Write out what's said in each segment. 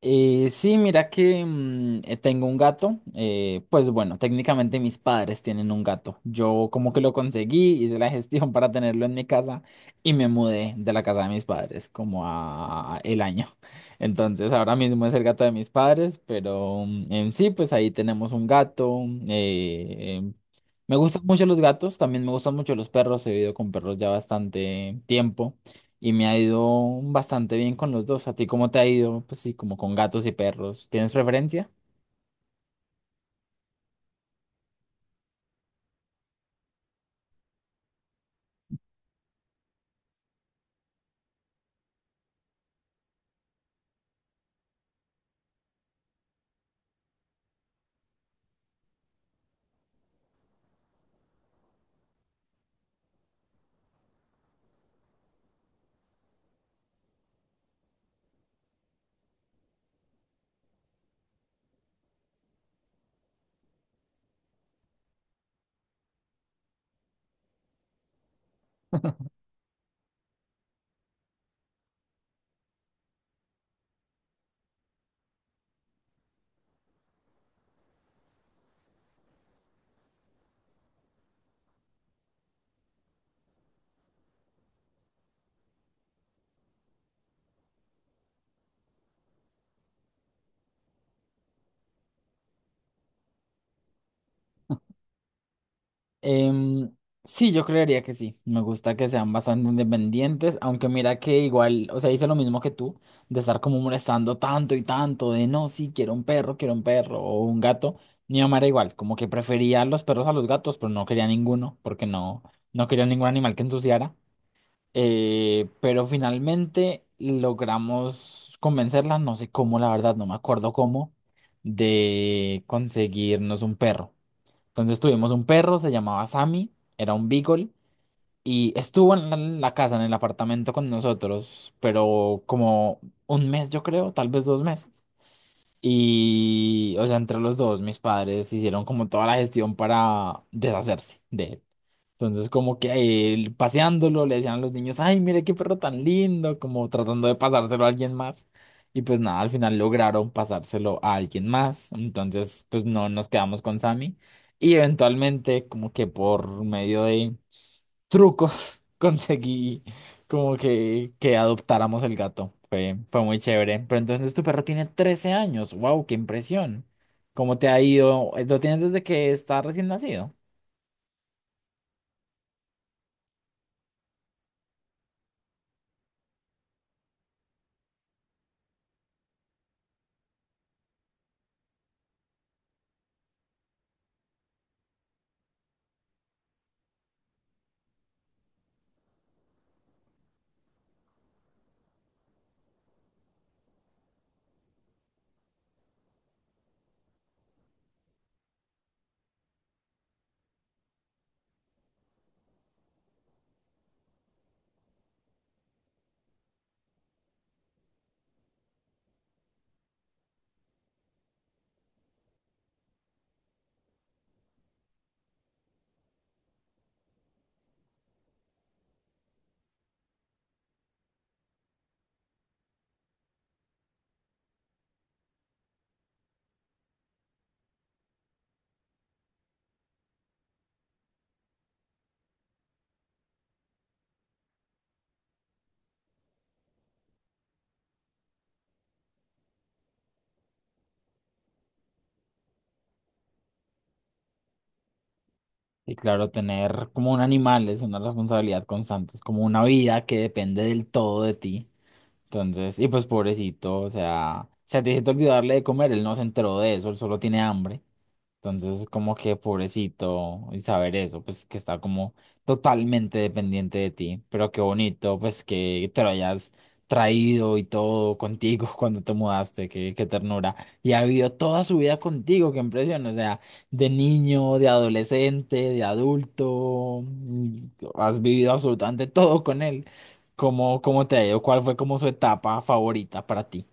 Sí, mira que tengo un gato. Pues bueno, técnicamente mis padres tienen un gato. Yo como que lo conseguí, hice la gestión para tenerlo en mi casa y me mudé de la casa de mis padres como a el año. Entonces ahora mismo es el gato de mis padres, pero en sí, pues ahí tenemos un gato. eh, em, Me gustan mucho los gatos, también me gustan mucho los perros. He vivido con perros ya bastante tiempo y me ha ido bastante bien con los dos. ¿A ti cómo te ha ido? Pues sí, como con gatos y perros. ¿Tienes preferencia? Em, sí, yo creería que sí. Me gusta que sean bastante independientes, aunque mira que igual, o sea, hice lo mismo que tú, de estar como molestando tanto y tanto, de no, sí, quiero un perro o un gato. Mi mamá era igual, como que prefería los perros a los gatos, pero no quería ninguno, porque no, no quería ningún animal que ensuciara. Pero finalmente logramos convencerla, no sé cómo, la verdad, no me acuerdo cómo, de conseguirnos un perro. Entonces tuvimos un perro, se llamaba Sammy, era un beagle, y estuvo en la casa, en el apartamento con nosotros, pero como 1 mes, yo creo, tal vez 2 meses. Y, o sea, entre los dos, mis padres hicieron como toda la gestión para deshacerse de él. Entonces, como que él, paseándolo, le decían a los niños, ay, mire qué perro tan lindo, como tratando de pasárselo a alguien más. Y pues nada, al final lograron pasárselo a alguien más. Entonces, pues no nos quedamos con Sammy. Y eventualmente, como que por medio de trucos conseguí como que adoptáramos el gato. Fue muy chévere. Pero entonces tu perro tiene 13 años. ¡Wow! ¡Qué impresión! ¿Cómo te ha ido? ¿Lo tienes desde que está recién nacido? Y claro, tener como un animal es una responsabilidad constante, es como una vida que depende del todo de ti. Entonces, y pues pobrecito, o sea, se te hiciste olvidarle de comer, él no se enteró de eso, él solo tiene hambre. Entonces, como que pobrecito, y saber eso, pues que está como totalmente dependiente de ti, pero qué bonito, pues que te lo hayas traído y todo contigo cuando te mudaste, qué ternura. Y ha vivido toda su vida contigo, qué impresión, o sea, de niño, de adolescente, de adulto, has vivido absolutamente todo con él. ¿Cómo te ha ido? ¿Cuál fue como su etapa favorita para ti?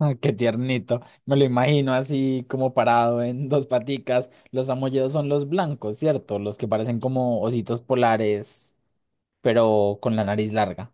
Ah, qué tiernito. Me lo imagino así como parado en dos paticas. Los amolledos son los blancos, ¿cierto? Los que parecen como ositos polares, pero con la nariz larga.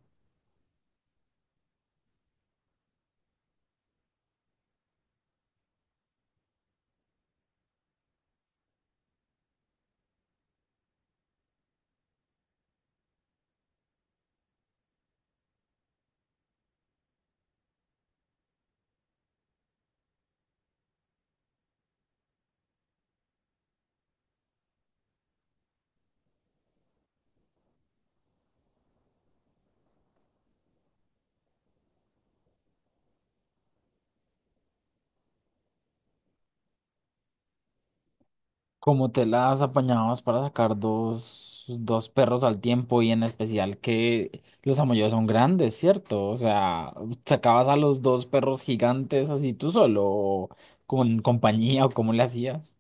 ¿Cómo te las apañabas para sacar dos perros al tiempo y en especial que los amolledos son grandes, ¿cierto? O sea, ¿sacabas a los dos perros gigantes así tú solo o con compañía o cómo le hacías?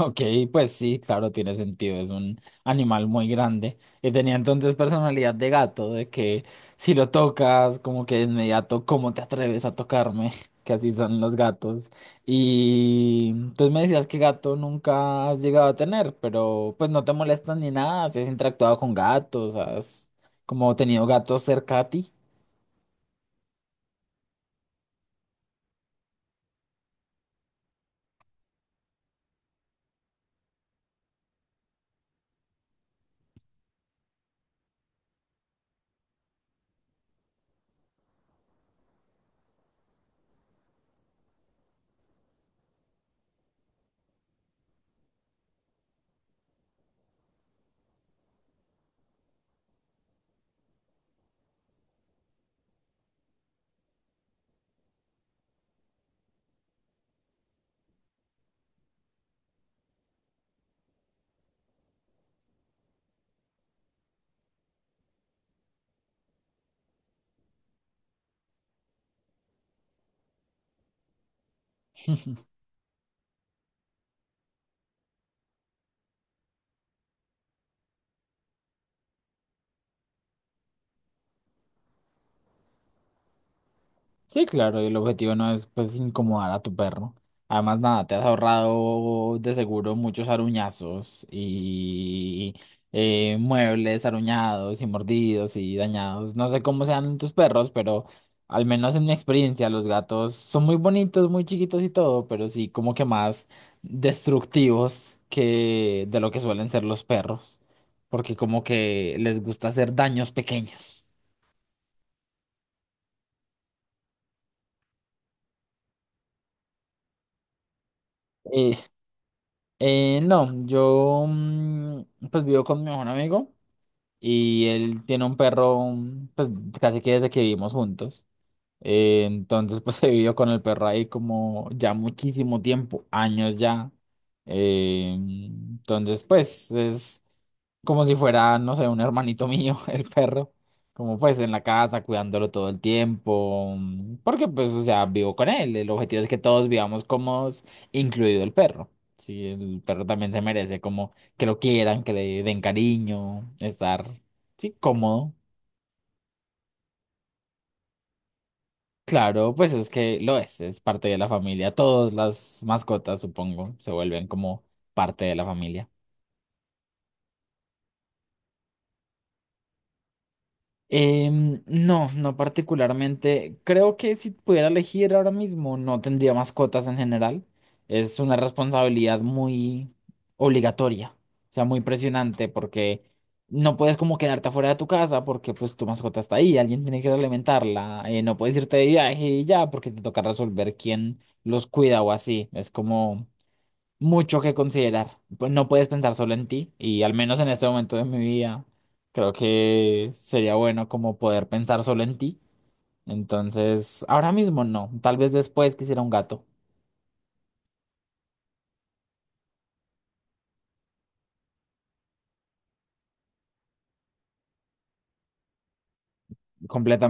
Ok, pues sí, claro, tiene sentido, es un animal muy grande. Y tenía entonces personalidad de gato, de que si lo tocas, como que de inmediato, ¿cómo te atreves a tocarme? Que así son los gatos. Y entonces me decías que gato nunca has llegado a tener, pero pues no te molestas ni nada, si has interactuado con gatos, has como tenido gatos cerca a ti. Sí, claro, y el objetivo no es pues incomodar a tu perro. Además, nada, te has ahorrado de seguro muchos aruñazos y muebles aruñados y mordidos y dañados. No sé cómo sean tus perros, pero al menos en mi experiencia, los gatos son muy bonitos, muy chiquitos y todo, pero sí como que más destructivos que de lo que suelen ser los perros, porque como que les gusta hacer daños pequeños. Eh, no, yo pues vivo con mi mejor amigo y él tiene un perro pues casi que desde que vivimos juntos. Entonces pues he vivido con el perro ahí como ya muchísimo tiempo, años ya. Entonces pues es como si fuera, no sé, un hermanito mío, el perro, como pues en la casa, cuidándolo todo el tiempo, porque pues, o sea, vivo con él, el objetivo es que todos vivamos cómodos, incluido el perro. Sí, el perro también se merece como que lo quieran, que le den cariño, estar, sí, cómodo. Claro, pues es que lo es parte de la familia. Todas las mascotas, supongo, se vuelven como parte de la familia. No, no particularmente. Creo que si pudiera elegir ahora mismo, no tendría mascotas en general. Es una responsabilidad muy obligatoria, o sea, muy presionante porque no puedes como quedarte afuera de tu casa porque pues tu mascota está ahí, alguien tiene que alimentarla, no puedes irte de viaje y ya porque te toca resolver quién los cuida o así. Es como mucho que considerar. Pues no puedes pensar solo en ti y al menos en este momento de mi vida creo que sería bueno como poder pensar solo en ti. Entonces, ahora mismo no, tal vez después quisiera un gato.